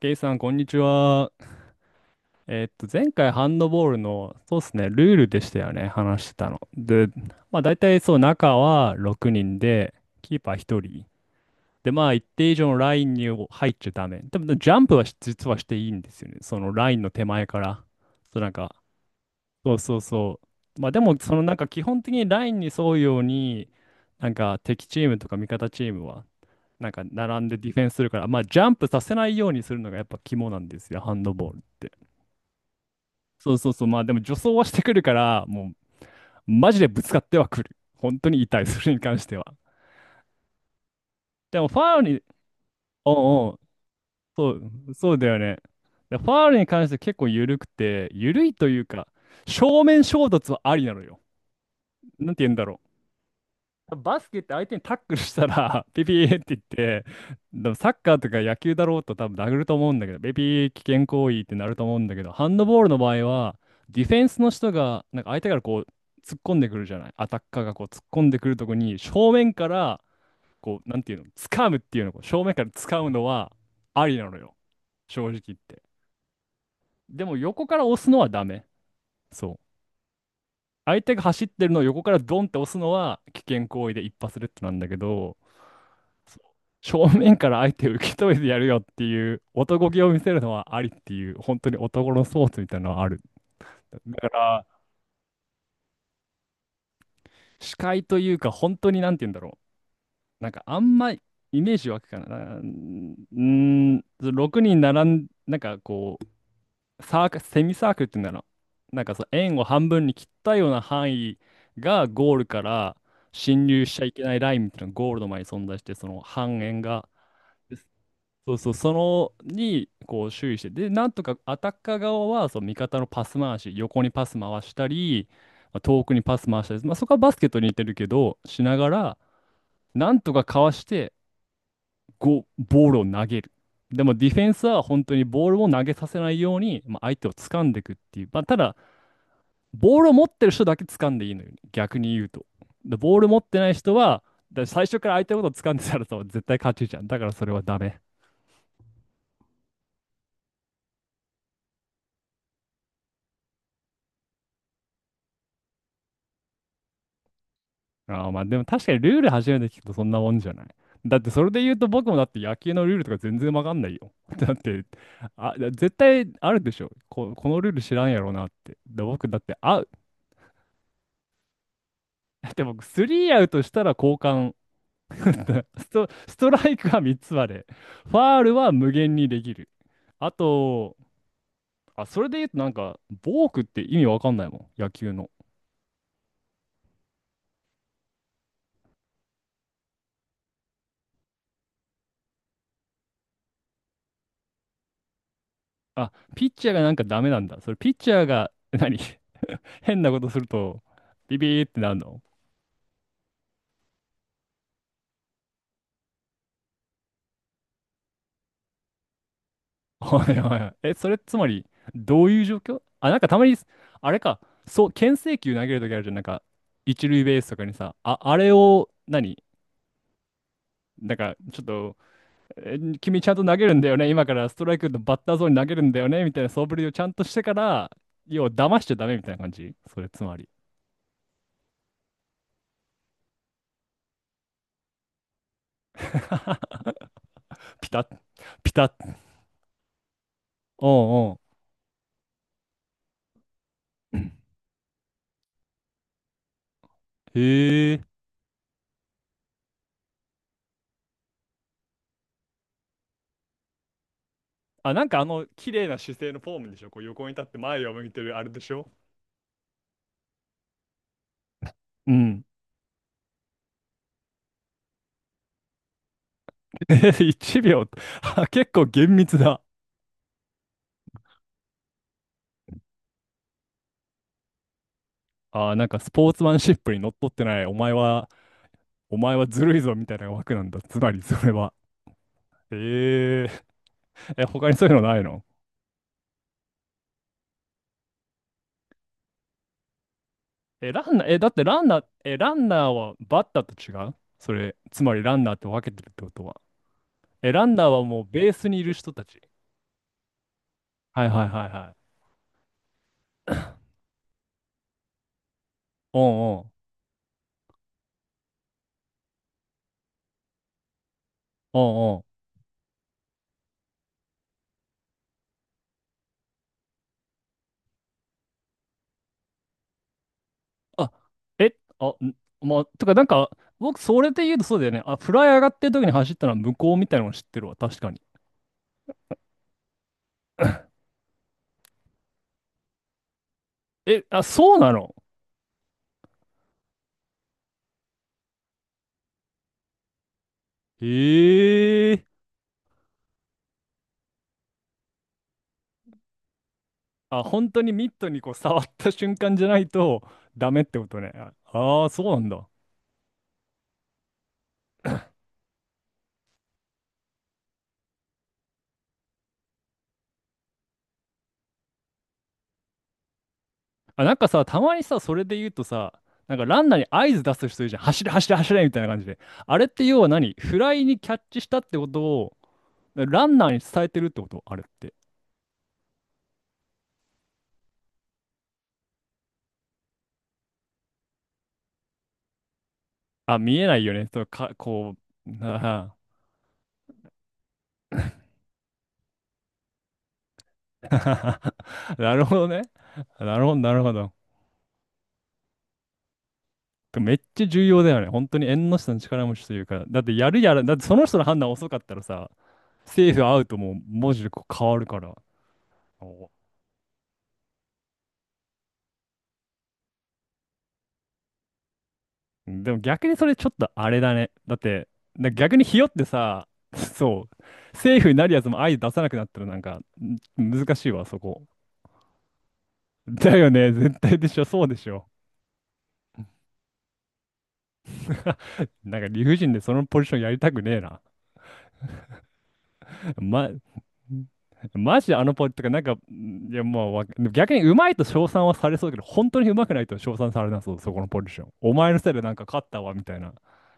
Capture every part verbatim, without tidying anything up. ケイさん、こんにちは。えーっと、前回ハンドボールの、そうですね、ルールでしたよね、話してたの。で、まあ大体そう、中はろくにんで、キーパーひとり。で、まあ一定以上のラインに入っちゃダメ。でも、ジャンプはし実はしていいんですよね。そのラインの手前から。そう、なんか、そうそうそう。まあでも、そのなんか基本的にラインに沿うように、なんか敵チームとか味方チームは、なんか並んでディフェンスするから、まあジャンプさせないようにするのがやっぱ肝なんですよ、ハンドボールって。そうそうそう。まあでも助走はしてくるから、もうマジでぶつかってはくる。本当に痛い、それに関しては。でもファウルに、おうおう、そう、そうだよね。でファウルに関して結構緩くて、緩いというか、正面衝突はありなのよ。なんて言うんだろう。バスケって相手にタックルしたら、ピピーって言って、でもサッカーとか野球だろうと多分殴ると思うんだけど、ピピー危険行為ってなると思うんだけど、ハンドボールの場合は、ディフェンスの人が、なんか相手からこう、突っ込んでくるじゃない。アタッカーがこう、突っ込んでくるとこに、正面から、こう、なんていうの、掴むっていうの、こう正面から掴むのは、ありなのよ。正直言って。でも横から押すのはダメ。そう。相手が走ってるのを横からドンって押すのは危険行為で一発レッドなんだけど、正面から相手を受け止めてやるよっていう男気を見せるのはありっていう、本当に男のスポーツみたいなのはある。だから、視界というか、本当になんて言うんだろう。なんかあんまイメージ湧くかな。なうーん、ろくにん並ん、なんかこう、サーク、セミサークルっていうんだろう。なんかそう、円を半分に切ったような範囲がゴールから侵入しちゃいけないラインみたいなのがゴールの前に存在して、その半円が。そうそう、そのにこう注意して、で、なんとかアタッカー側はその味方のパス回し、横にパス回したり、まあ遠くにパス回したり、まあ、そこはバスケットに似てるけど、しながら、なんとかかわして、ゴボールを投げる。でもディフェンスは本当にボールを投げさせないように、まあ、相手を掴んでいくっていう、まあ、ただ、ボールを持ってる人だけ掴んでいいのよ、逆に言うと。で、ボール持ってない人は、だから最初から相手のことを掴んでたらさ絶対勝ちじゃん。だからそれはダメ。ああ、まあでも確かにルール初めて聞くとそんなもんじゃない。だってそれで言うと僕もだって野球のルールとか全然わかんないよ。だって、あ、だ絶対あるでしょ。こ、このルール知らんやろなって。で、僕だってアウ、だって僕スリーアウトしたら交換。スト、ストライクはみっつまで。ファールは無限にできる。あと、あ、それで言うとなんか、ボークって意味わかんないもん。野球の。あ、ピッチャーがなんかダメなんだ。それピッチャーが何 変なことすると、ビビーってなるの。はいはいはい。え、それつまり、どういう状況あ、なんかたまに、あれか、そう、牽制球投げるときあるじゃん、なんか、一塁ベースとかにさ、あ、あれを何、なんか、ちょっと、え君ちゃんと投げるんだよね、今からストライクのバッターゾーンに投げるんだよね、みたいな素振りをちゃんとしてから、要は騙しちゃダメみたいな感じそれつまり。ピタッ、ピタッ。おうんうん。へえ。あ、なんかあの、綺麗な姿勢のフォームでしょこう横に立って前を向いてるあれでしょうん。いちびょう。あ結構厳密だ。あー、なんかスポーツマンシップにのっとってない。お前は、お前はずるいぞみたいな枠なんだ。つまり、それは。えー、え、他にそういうのないの？え、ランナー、え、だってランナー、え、ランナーはバッターと違うそれ、つまりランナーって分けてるってことは。え、ランナーはもうベースにいる人たち。はいはいはいはい。おうんうん。おうんうん。あ、え、あ、んまあ、とかなんか、僕、それで言うとそうだよね。あ、フライ上がってる時に走ったのは向こうみたいなの知ってるわ。確かに。え、あ、そうなの？へえ。あ、本当にミットにこう触った瞬間じゃないとダメってことね。ああー、そうなんだ。あ、なんかさ、たまにさ、それで言うとさ、なんかランナーに合図出す人いるじゃん。走れ、走れ、走れみたいな感じで。あれって要は何？フライにキャッチしたってことを、ランナーに伝えてるってことあれって。あ、見えないよね。そう、か、こう、なあ なるほどね。なるほど、なるほど。めっちゃ重要だよね。本当に縁の下の力持ちというか、だってやるやら、だってその人の判断遅かったらさ、セーフアウトも文字でこう変わるから。お、でも逆にそれちょっとあれだね。だって、だ逆にひよってさ、そう、セーフになるやつも相出さなくなったらなんかん難しいわ、そこ。だよね、絶対でしょ、そうでしょ。なんか理不尽でそのポジションやりたくねえな。ま、マジであのポイントがなんか、んいやもうわ逆にうまいと称賛はされそうだけど、本当にうまくないと称賛されなそう、そこのポジション。お前のせいでなんか勝ったわ、みたいな。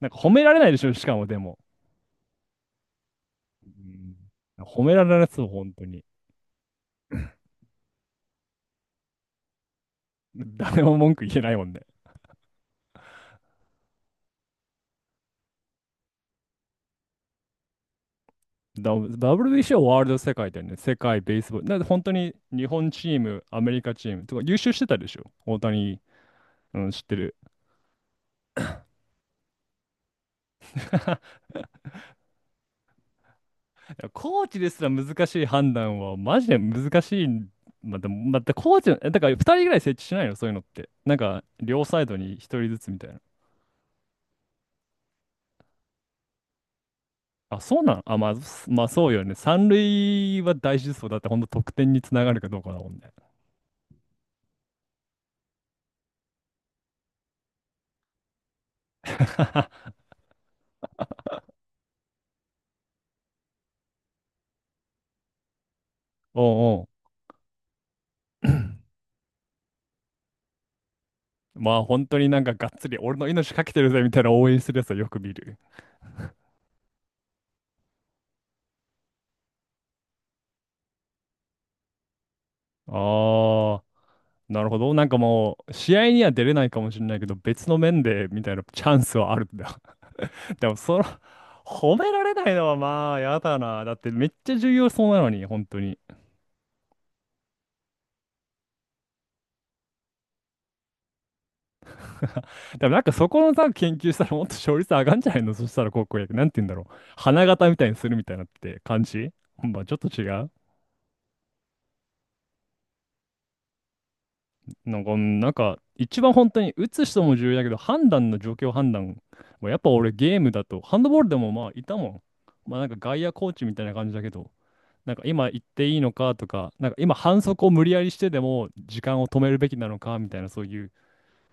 なんか褒められないでしょ、しかもでも。うん褒められないそう、本当に。誰も文句言えないもんね。だ ダブリュービーシー はワールド世界だよね。世界ベースボール。だって本当に日本チーム、アメリカチームとか優秀してたでしょ。大谷、うん、知ってる。いやコーチですら難しい判断はマジで難しい。まあ、でも、またコーチの、えだからふたりぐらい設置しないの、そういうのって。なんか、両サイドにひとりずつみたいな。あ、そうなの？あ、まあ、すまあそうよね。三塁は大事そうだって、ほんと得点につながるかどうかだもんね。おうおう。まあ本当になんかがっつり俺の命かけてるぜみたいな応援するやつはよく見る。ああ。なるほど。なんかもう、試合には出れないかもしれないけど、別の面で、みたいなチャンスはあるんだ。でも、その、褒められないのはまあ、やだな。だって、めっちゃ重要そうなのに、本当に。でも、なんかそこのさ、研究したら、もっと勝率上がんじゃないの？そしたら、高校野球、なんて言うんだろう。花形みたいにするみたいなって感じ。まあ、ちょっと違う。なんか、うんなんか、一番本当に、打つ人も重要だけど、判断の状況判断。もやっぱ俺、ゲームだと、ハンドボールでもまあ、いたもん。まあ、なんか外野コーチみたいな感じだけど。なんか今行っていいのかとか、なんか今反則を無理やりしてでも時間を止めるべきなのかみたいなそういう、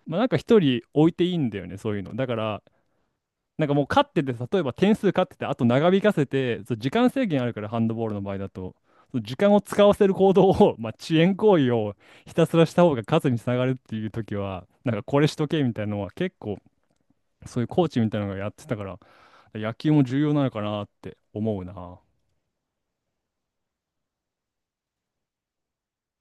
まあなんか一人置いていいんだよね、そういうの。だから、なんかもう勝ってて、例えば点数勝ってて、あと長引かせて、そう時間制限あるから、ハンドボールの場合だと、そう時間を使わせる行動を、まあ遅延行為をひたすらした方が勝つにつながるっていう時は、なんかこれしとけみたいなのは結構、そういうコーチみたいなのがやってたから、野球も重要なのかなって思うな。